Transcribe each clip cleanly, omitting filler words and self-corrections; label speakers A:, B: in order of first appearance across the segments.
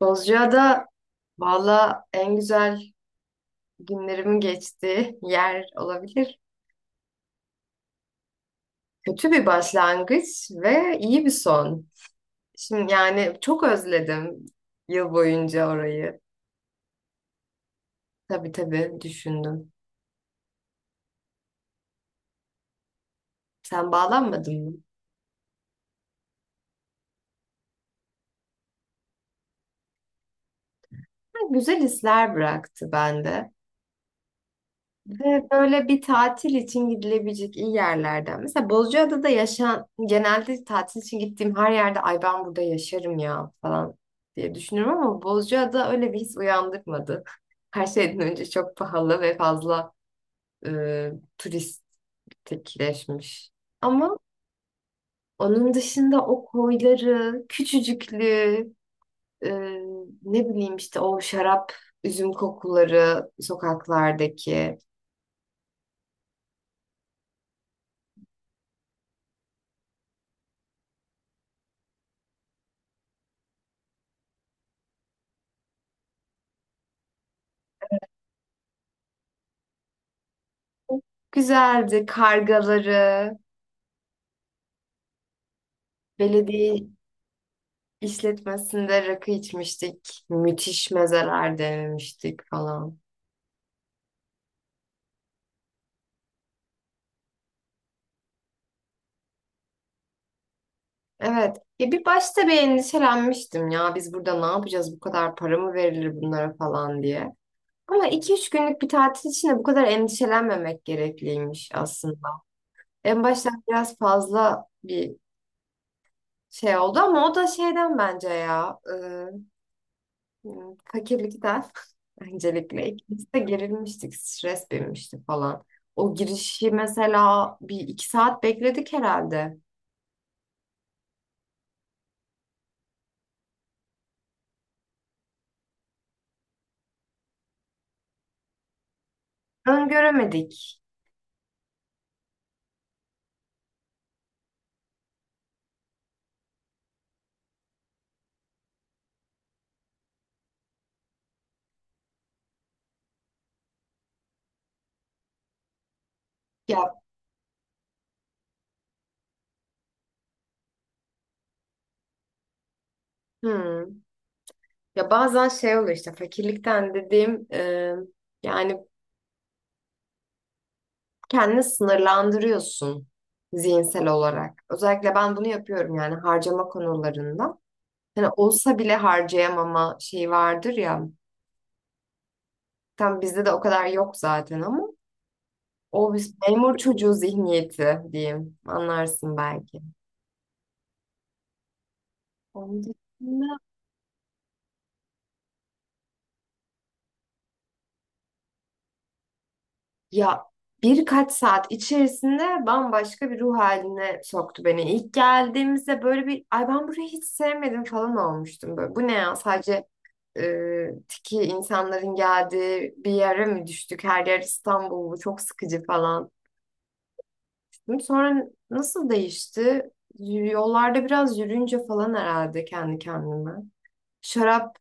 A: Bozcaada valla en güzel günlerimin geçtiği yer olabilir. Kötü bir başlangıç ve iyi bir son. Şimdi yani çok özledim yıl boyunca orayı. Tabii tabii düşündüm. Sen bağlanmadın mı? Ha, güzel hisler bıraktı bende. Ve böyle bir tatil için gidilebilecek iyi yerlerden. Mesela Bozcaada'da yaşayan, genelde tatil için gittiğim her yerde ay ben burada yaşarım ya falan diye düşünüyorum ama Bozcaada öyle bir his uyandırmadı. Her şeyden önce çok pahalı ve fazla e, turistikleşmiş. Ama onun dışında o koyları, küçücüklüğü, e, ne bileyim işte o şarap, üzüm kokuları sokaklardaki. Güzeldi. Kargaları, belediye işletmesinde rakı içmiştik. Müthiş mezeler denemiştik falan. Evet. Ya bir başta bir endişelenmiştim ya biz burada ne yapacağız bu kadar para mı verilir bunlara falan diye. Ama 2-3 günlük bir tatil için de bu kadar endişelenmemek gerekliymiş aslında. En başta biraz fazla bir şey oldu ama o da şeyden bence ya. Yani fakirlikten öncelikle ikimiz de gerilmiştik, stres binmişti falan. O girişi mesela 1-2 saat bekledik herhalde. Öngöremedik. Ya, hmm. Ya bazen şey oluyor işte fakirlikten dediğim yani kendini sınırlandırıyorsun zihinsel olarak. Özellikle ben bunu yapıyorum yani harcama konularında. Hani olsa bile harcayamama şeyi vardır ya. Tam bizde de o kadar yok zaten ama. O biz memur çocuğu zihniyeti diyeyim. Anlarsın belki. Onun dışında ya birkaç saat içerisinde bambaşka bir ruh haline soktu beni. İlk geldiğimizde böyle bir ay ben burayı hiç sevmedim falan olmuştum. Böyle, bu ne ya sadece tiki insanların geldiği bir yere mi düştük? Her yer İstanbul bu çok sıkıcı falan, dedim. Sonra nasıl değişti? Yollarda biraz yürüyünce falan herhalde kendi kendime. Şarap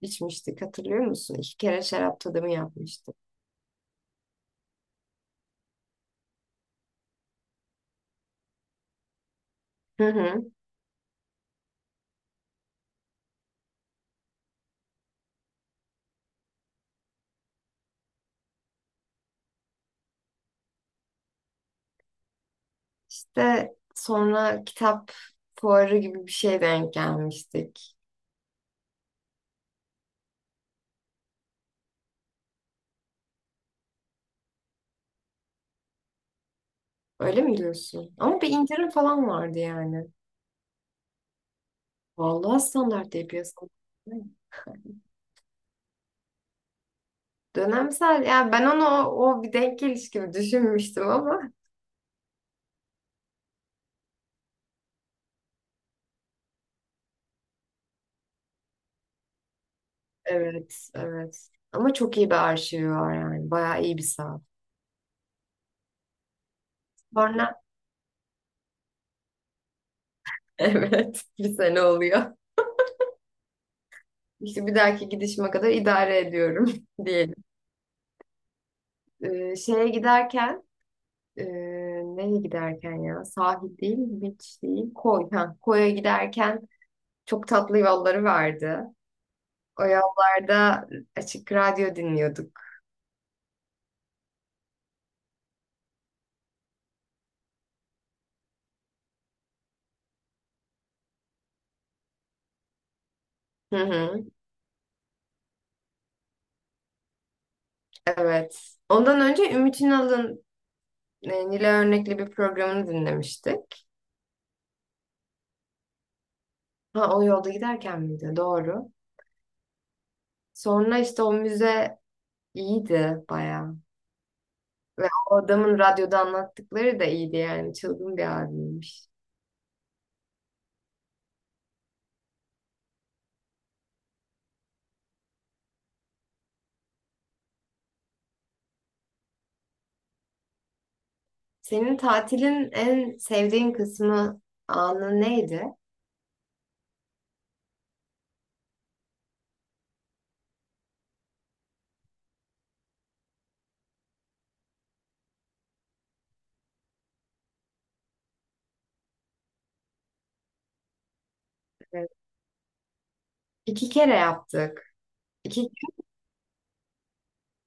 A: içmiştik hatırlıyor musun? 2 kere şarap tadımı yapmıştık. Hı hı. İşte sonra kitap fuarı gibi bir şeye denk gelmiştik. Öyle mi diyorsun? Ama bir indirim falan vardı yani. Vallahi standart diye piyasada. Dönemsel. Yani ben onu o bir denk geliş gibi düşünmüştüm ama. Evet, evet. Ama çok iyi bir arşivi var yani. Bayağı iyi bir saat. Sonra evet bir sene oluyor. İşte bir dahaki gidişime kadar idare ediyorum diyelim. Şeye giderken e, nereye giderken ya sahil değil beach değil koy ha, koya giderken çok tatlı yolları vardı. O yollarda açık radyo dinliyorduk. Hı hı, evet. Ondan önce Ümit Ünal'ın Nile Örnekli bir programını dinlemiştik. Ha o yolda giderken miydi? Doğru. Sonra işte o müze iyiydi bayağı. Ve o adamın radyoda anlattıkları da iyiydi yani. Çılgın bir abiymiş. Senin tatilin en sevdiğin kısmı anı neydi? Evet. 2 kere yaptık. İki,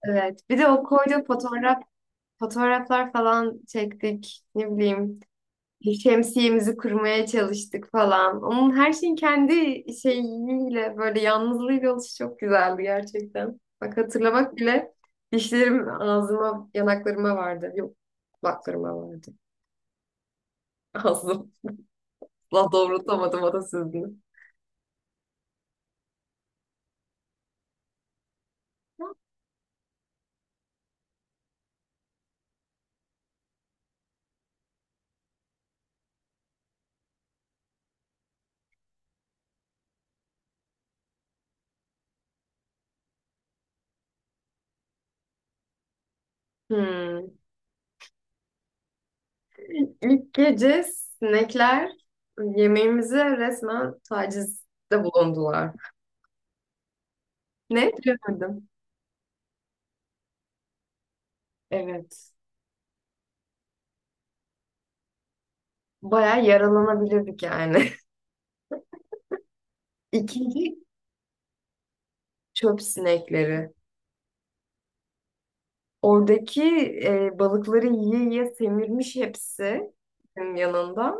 A: evet. Bir de o koyduğu fotoğraflar falan çektik. Ne bileyim. Bir şemsiyemizi kurmaya çalıştık falan. Onun her şeyin kendi şeyiyle böyle yalnızlığıyla oluşu çok güzeldi gerçekten. Bak hatırlamak bile dişlerim ağzıma, yanaklarıma vardı. Yok, kulaklarıma vardı. Ağzım. La doğrultamadım atasözünü. Hmm. İlk gece sinekler yemeğimize resmen tacizde bulundular. Ne? Bilemedim. Evet. Bayağı yaralanabilirdik yani. İkinci çöp sinekleri. Oradaki balıkları yiye yiye semirmiş hepsi benim yanında.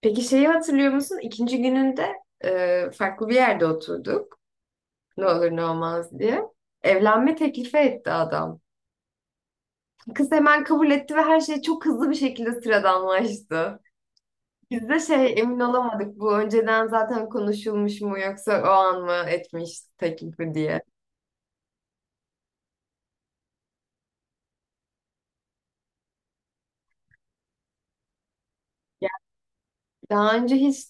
A: Peki şeyi hatırlıyor musun? İkinci gününde farklı bir yerde oturduk. Ne olur ne olmaz diye. Evlenme teklifi etti adam. Kız hemen kabul etti ve her şey çok hızlı bir şekilde sıradanlaştı. Biz de şey emin olamadık bu önceden zaten konuşulmuş mu yoksa o an mı etmiş teklifi diye. Yani daha önce hiç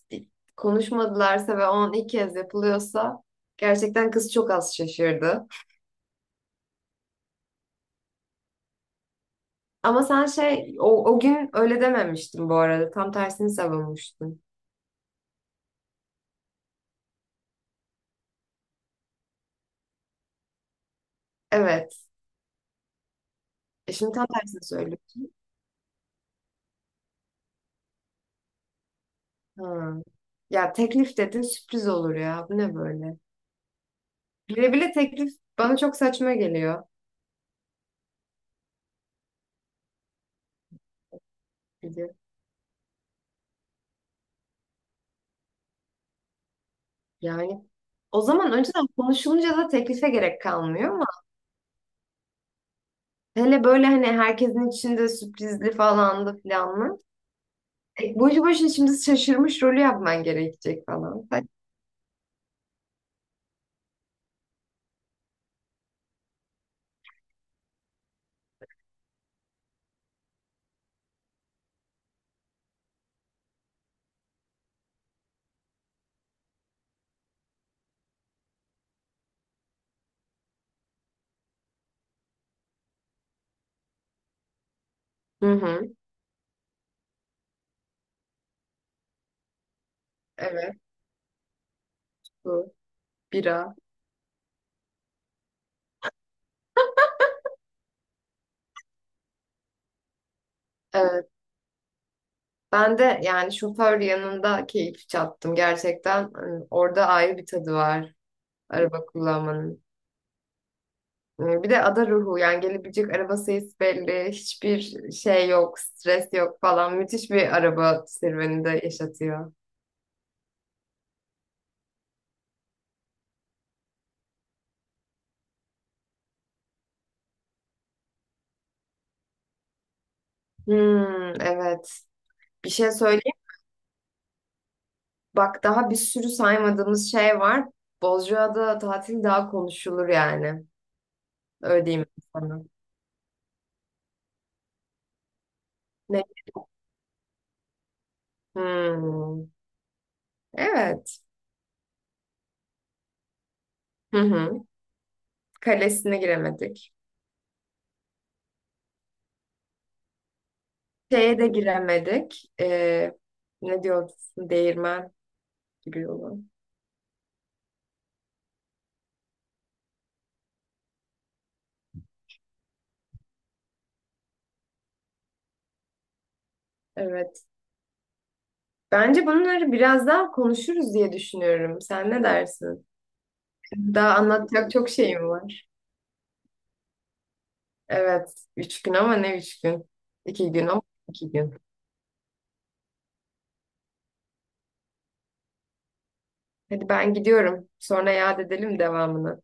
A: konuşmadılarsa ve on ilk kez yapılıyorsa gerçekten kız çok az şaşırdı. Ama sen şey o gün öyle dememiştin bu arada. Tam tersini savunmuştun. Evet. E şimdi tam tersini söylüyorsun. Ha. Ya teklif dedin sürpriz olur ya. Bu ne böyle? Bile bile teklif bana çok saçma geliyor. Dedi. Yani o zaman önceden konuşulunca da teklife gerek kalmıyor ama hele böyle hani herkesin içinde sürprizli falandı filanlı. E, boşu boşuna şimdi şaşırmış rolü yapman gerekecek falan. Hı hı. Evet bu bira. Evet. Ben de yani şoför yanında keyif çattım gerçekten. Hani orada ayrı bir tadı var araba kullanmanın. Bir de ada ruhu yani gelebilecek araba sayısı belli. Hiçbir şey yok, stres yok falan. Müthiş bir araba serüveni de yaşatıyor. Hmm, evet. Bir şey söyleyeyim. Bak daha bir sürü saymadığımız şey var. Bozcaada tatil daha konuşulur yani. Öyle diyeyim sana. Ne? Hmm, evet. Hı hı. Kalesine giremedik. Şeye de giremedik. Ne diyorsun? Değirmen gibi olan. Evet. Bence bunları biraz daha konuşuruz diye düşünüyorum. Sen ne dersin? Daha anlatacak çok şeyim var. Evet, 3 gün ama ne 3 gün? 2 gün ama 2 gün. Hadi ben gidiyorum. Sonra yad edelim devamını.